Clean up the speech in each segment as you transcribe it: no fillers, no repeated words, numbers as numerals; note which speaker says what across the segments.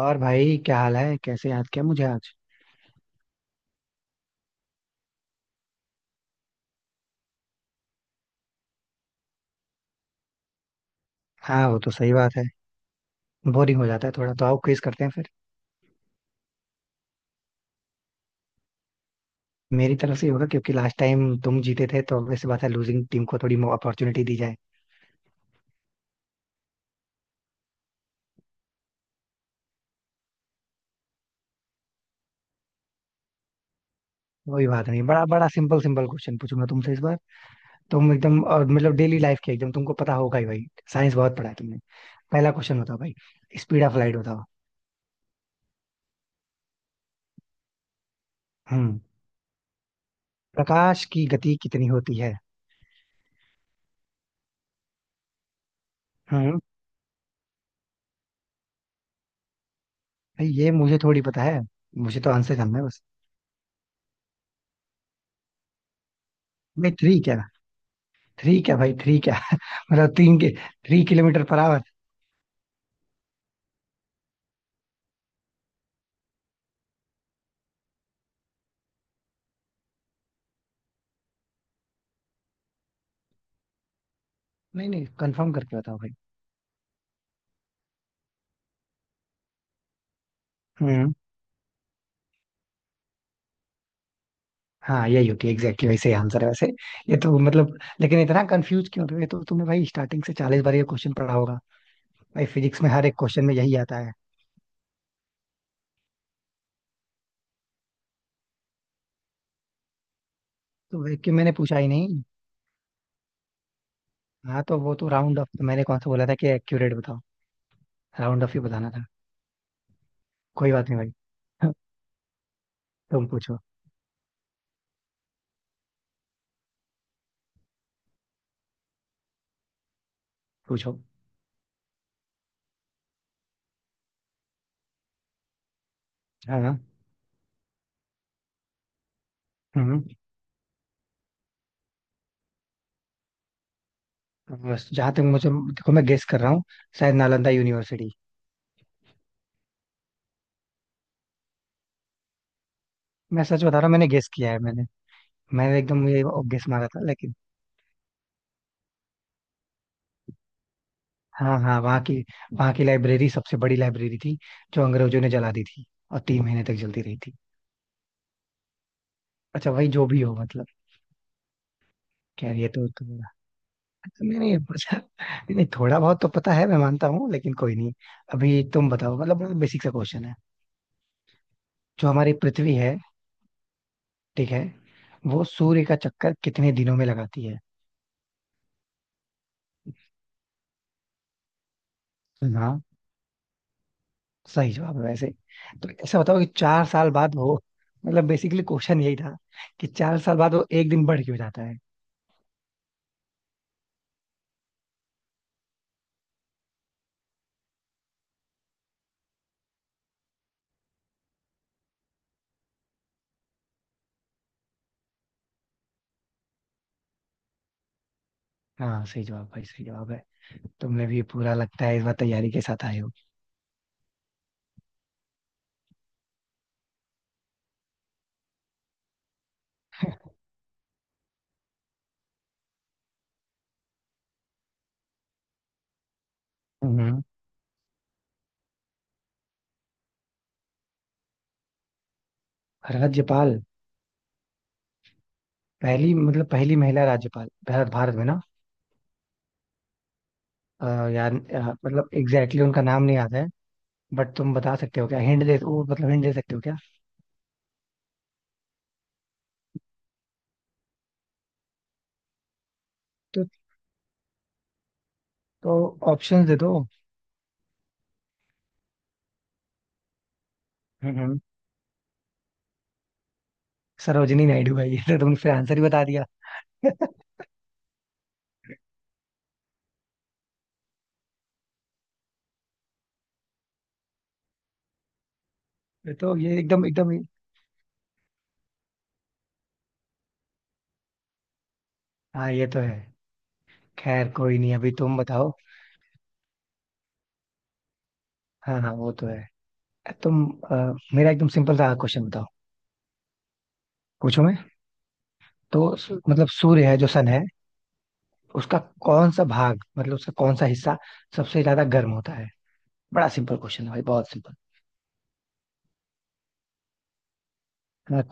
Speaker 1: और भाई, क्या हाल है? कैसे याद किया मुझे आज? हाँ, वो तो सही बात है। बोरिंग हो जाता है थोड़ा, तो आओ क्विज करते हैं फिर। मेरी तरफ से ही होगा क्योंकि लास्ट टाइम तुम जीते थे, तो वैसे बात है, लूजिंग टीम को थोड़ी अपॉर्चुनिटी दी जाए। वही बात नहीं, बड़ा बड़ा सिंपल सिंपल क्वेश्चन पूछूंगा तुमसे इस बार। तुम एकदम और मतलब डेली लाइफ के एकदम, तुमको पता होगा ही भाई, साइंस बहुत पढ़ा है तुमने। पहला क्वेश्चन बताओ भाई। स्पीड ऑफ लाइट बताओ। हम्म। प्रकाश की गति कितनी होती है? हम्म। भाई ये मुझे थोड़ी पता है, मुझे तो आंसर जानना है बस। भाई थ्री क्या? थ्री क्या भाई? थ्री क्या? मतलब तीन के, थ्री किलोमीटर पर आवर? नहीं नहीं, कंफर्म करके बताओ भाई। हम्म। हाँ, यही होती है एग्जैक्टली, वैसे आंसर है वैसे। ये तो मतलब, लेकिन इतना कंफ्यूज क्यों हो रहे हो? ये तो तुमने भाई स्टार्टिंग से 40 बार ये क्वेश्चन पढ़ा होगा। भाई फिजिक्स में हर एक क्वेश्चन में यही आता है। तो भाई, कि मैंने पूछा ही नहीं। हाँ, तो वो तो राउंड ऑफ, मैंने कौन सा बोला था कि एक्यूरेट बताओ? राउंड ऑफ ही बताना था। कोई बात नहीं भाई। तुम पूछो। पूछो। हाँ हाँ, हम्म। बस जहाँ तक मुझे, देखो मैं गेस कर रहा हूँ, शायद नालंदा यूनिवर्सिटी। मैं सच बता रहा हूँ, मैंने गेस किया है मैंने। मैंने एकदम मुझे गेस मारा था, लेकिन हाँ हाँ, वहाँ की लाइब्रेरी सबसे बड़ी लाइब्रेरी थी, जो अंग्रेजों ने जला दी थी और 3 महीने तक जलती रही थी। अच्छा भाई जो भी हो, मतलब खैर ये तो थोड़ा, नहीं नहीं पता नहीं, नहीं, थोड़ा बहुत तो पता है, मैं मानता हूँ, लेकिन कोई नहीं। अभी तुम बताओ, मतलब बहुत बेसिक सा क्वेश्चन है। जो हमारी पृथ्वी है, ठीक है, वो सूर्य का चक्कर कितने दिनों में लगाती है? हाँ, सही जवाब है वैसे। तो ऐसा बताओ कि 4 साल बाद वो, मतलब बेसिकली क्वेश्चन यही था कि 4 साल बाद वो एक दिन बढ़ क्यों जाता है? हाँ, सही जवाब भाई, सही जवाब है। तुमने भी पूरा लगता है इस बार तैयारी के साथ आए हो। हम्म। राज्यपाल? पहली मतलब पहली महिला राज्यपाल भारत, भारत में ना? अ, यार, मतलब एग्जैक्टली exactly उनका नाम नहीं आता है। बट तुम बता सकते हो क्या, हिंट दे वो, मतलब हिंट दे सकते हो क्या? तो तो ऑप्शंस दे दो। हम्म। सरोजिनी नायडू है? ये तो तुमने फिर आंसर ही बता दिया। ये एकदम एकदम। हाँ, ये तो है। खैर कोई नहीं, अभी तुम बताओ। हाँ हाँ, वो तो है। तुम, अ, मेरा एकदम सिंपल सा क्वेश्चन बताओ। पूछो मैं। तो मतलब सूर्य है, जो सन है, उसका कौन सा भाग, मतलब उसका कौन सा हिस्सा सबसे ज्यादा गर्म होता है? बड़ा सिंपल क्वेश्चन है भाई, बहुत सिंपल।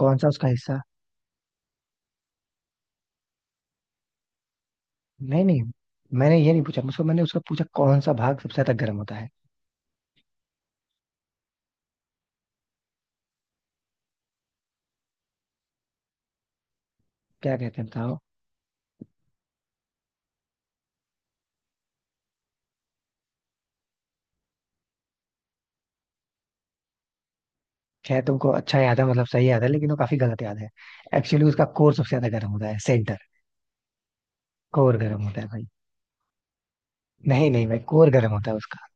Speaker 1: कौन सा उसका हिस्सा? नहीं नहीं, मैंने ये नहीं पूछा मुझको, मैंने उसका पूछा कौन सा भाग सबसे ज्यादा गर्म होता है। क्या कहते हैं बताओ? खैर तुमको अच्छा याद है, मतलब सही याद है, लेकिन वो काफी गलत याद है। एक्चुअली उसका कोर सबसे ज्यादा गर्म होता है, सेंटर। कोर गर्म होता है भाई। नहीं नहीं भाई, कोर गर्म होता है उसका।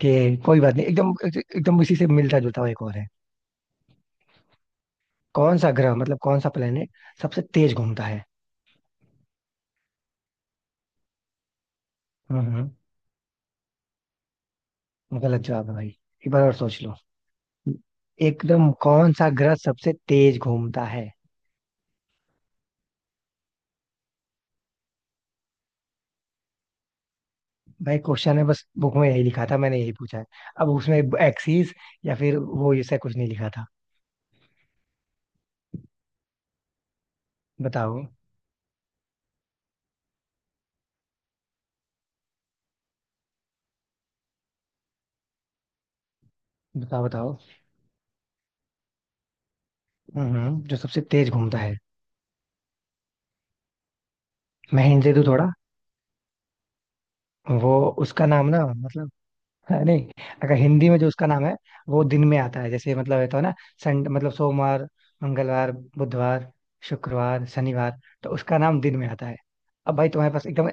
Speaker 1: कि कोई बात नहीं, एकदम एकदम इसी से मिलता जुलता हुआ एक और है। कौन सा ग्रह मतलब कौन सा प्लेनेट सबसे तेज घूमता है? हम्म। गलत जवाब है भाई। एक बार और सोच लो। एकदम कौन सा ग्रह सबसे तेज घूमता है? भाई क्वेश्चन है, बस बुक में यही लिखा था, मैंने यही पूछा है। अब उसमें एक्सिस या फिर वो, ऐसा कुछ नहीं लिखा था। बताओ बताओ। बताओ जो सबसे तेज घूमता है। मैं हिंट दे दूं थोड़ा? वो उसका नाम ना, मतलब नहीं, अगर हिंदी में जो उसका नाम है, वो दिन में आता है। जैसे मतलब ये तो है ना, संडे मतलब सोमवार, मंगलवार, बुधवार, शुक्रवार, शनिवार, तो उसका नाम दिन में आता है। अब भाई तुम्हारे पास एकदम,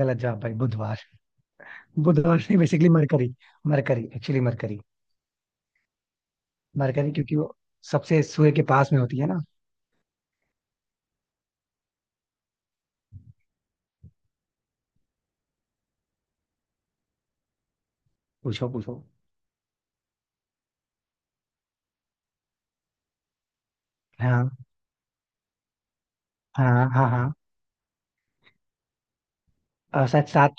Speaker 1: गलत जवाब भाई, बुधवार? बुधवार नहीं, basically mercury. Mercury actually, mercury. Mercury क्योंकि वो सबसे सूर्य के पास में होती है ना। पूछो पूछो। हाँ हाँ हाँ। हाँ, और शायद सात,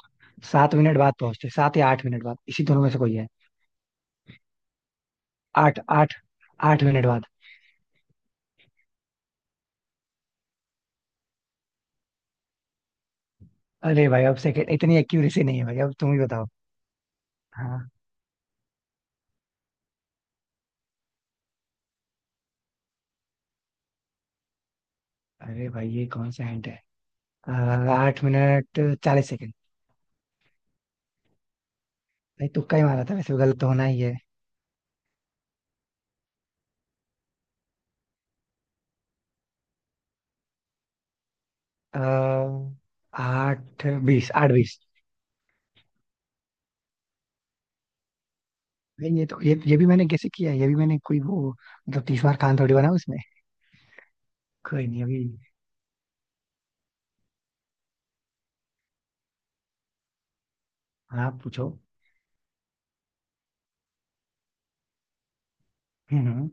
Speaker 1: 7 मिनट बाद पहुंचते, 7 या 8 मिनट बाद, इसी दोनों में से कोई है। आठ आठ, 8 मिनट बाद। अरे भाई, अब सेकंड इतनी एक्यूरेसी नहीं है भाई, अब तुम ही बताओ। हाँ। अरे भाई, ये कौन सा हिंट है? अ, 8 मिनट 40 सेकंड। भाई तुक्का ही मारा था, वैसे भी गलत तो होना ही है। अ, आठ बीस, आठ बीस। भाई ये तो, ये भी मैंने कैसे किया है, ये भी मैंने कोई वो, मतलब 30 बार खान थोड़ी बना उसमें। कोई नहीं अभी। आप पूछो। हम्म।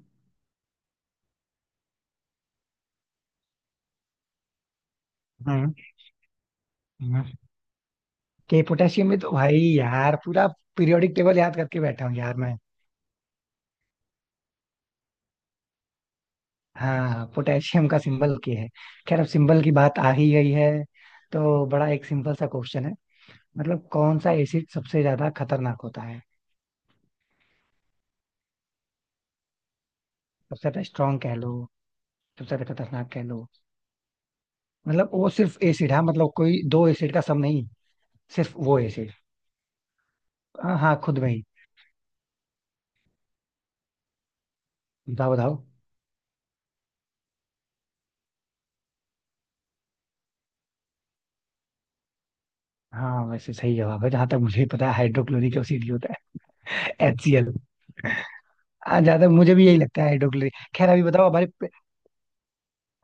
Speaker 1: हम्म के, पोटेशियम में तो भाई यार पूरा पीरियोडिक टेबल याद करके बैठा हूँ यार मैं। हाँ, पोटेशियम का सिंबल क्या है? खैर अब सिंबल की बात आ ही गई है, तो बड़ा एक सिंपल सा क्वेश्चन है, मतलब कौन सा एसिड सबसे ज्यादा खतरनाक होता है? सबसे ज्यादा स्ट्रांग कह लो, सबसे ज्यादा खतरनाक कह लो, मतलब वो सिर्फ एसिड है, मतलब कोई दो एसिड का सम नहीं, सिर्फ वो एसिड। हाँ हाँ, खुद में ही। बताओ बताओ। हाँ, वैसे सही जवाब है, जहां तक मुझे पता है हाइड्रोक्लोरिक एसिड ही होता है। HCl। हाँ, ज्यादा मुझे भी यही लगता है, हाइड्रोक्लोरिक। खैर अभी बताओ हमारे।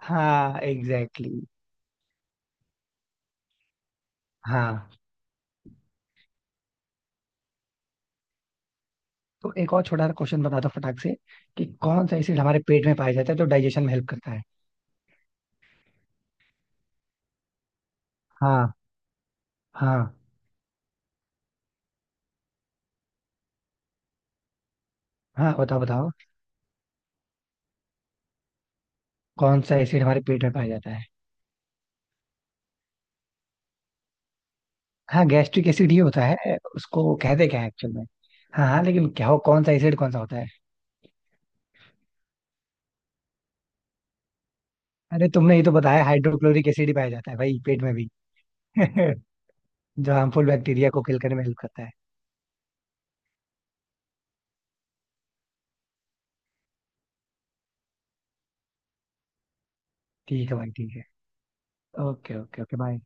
Speaker 1: हाँ, एग्जैक्टली exactly। हाँ, तो एक और छोटा सा क्वेश्चन बता दो फटाक से, कि कौन सा एसिड हमारे पेट में पाया जाता है जो डाइजेशन में हेल्प करता है? हाँ। हाँ। हाँ बताओ बताओ, कौन सा एसिड हमारे पेट में पाया जाता है? हाँ, गैस्ट्रिक एसिड ही होता है, उसको कहते क्या है एक्चुअल में? हाँ हाँ, लेकिन क्या हो, कौन सा एसिड, कौन सा होता है? अरे, तुमने ही तो बताया हाइड्रोक्लोरिक एसिड ही पाया जाता है भाई पेट में भी। जो हार्मफुल बैक्टीरिया को किल करने में हेल्प करता है। ठीक है भाई, ठीक है। Okay okay okay, bye.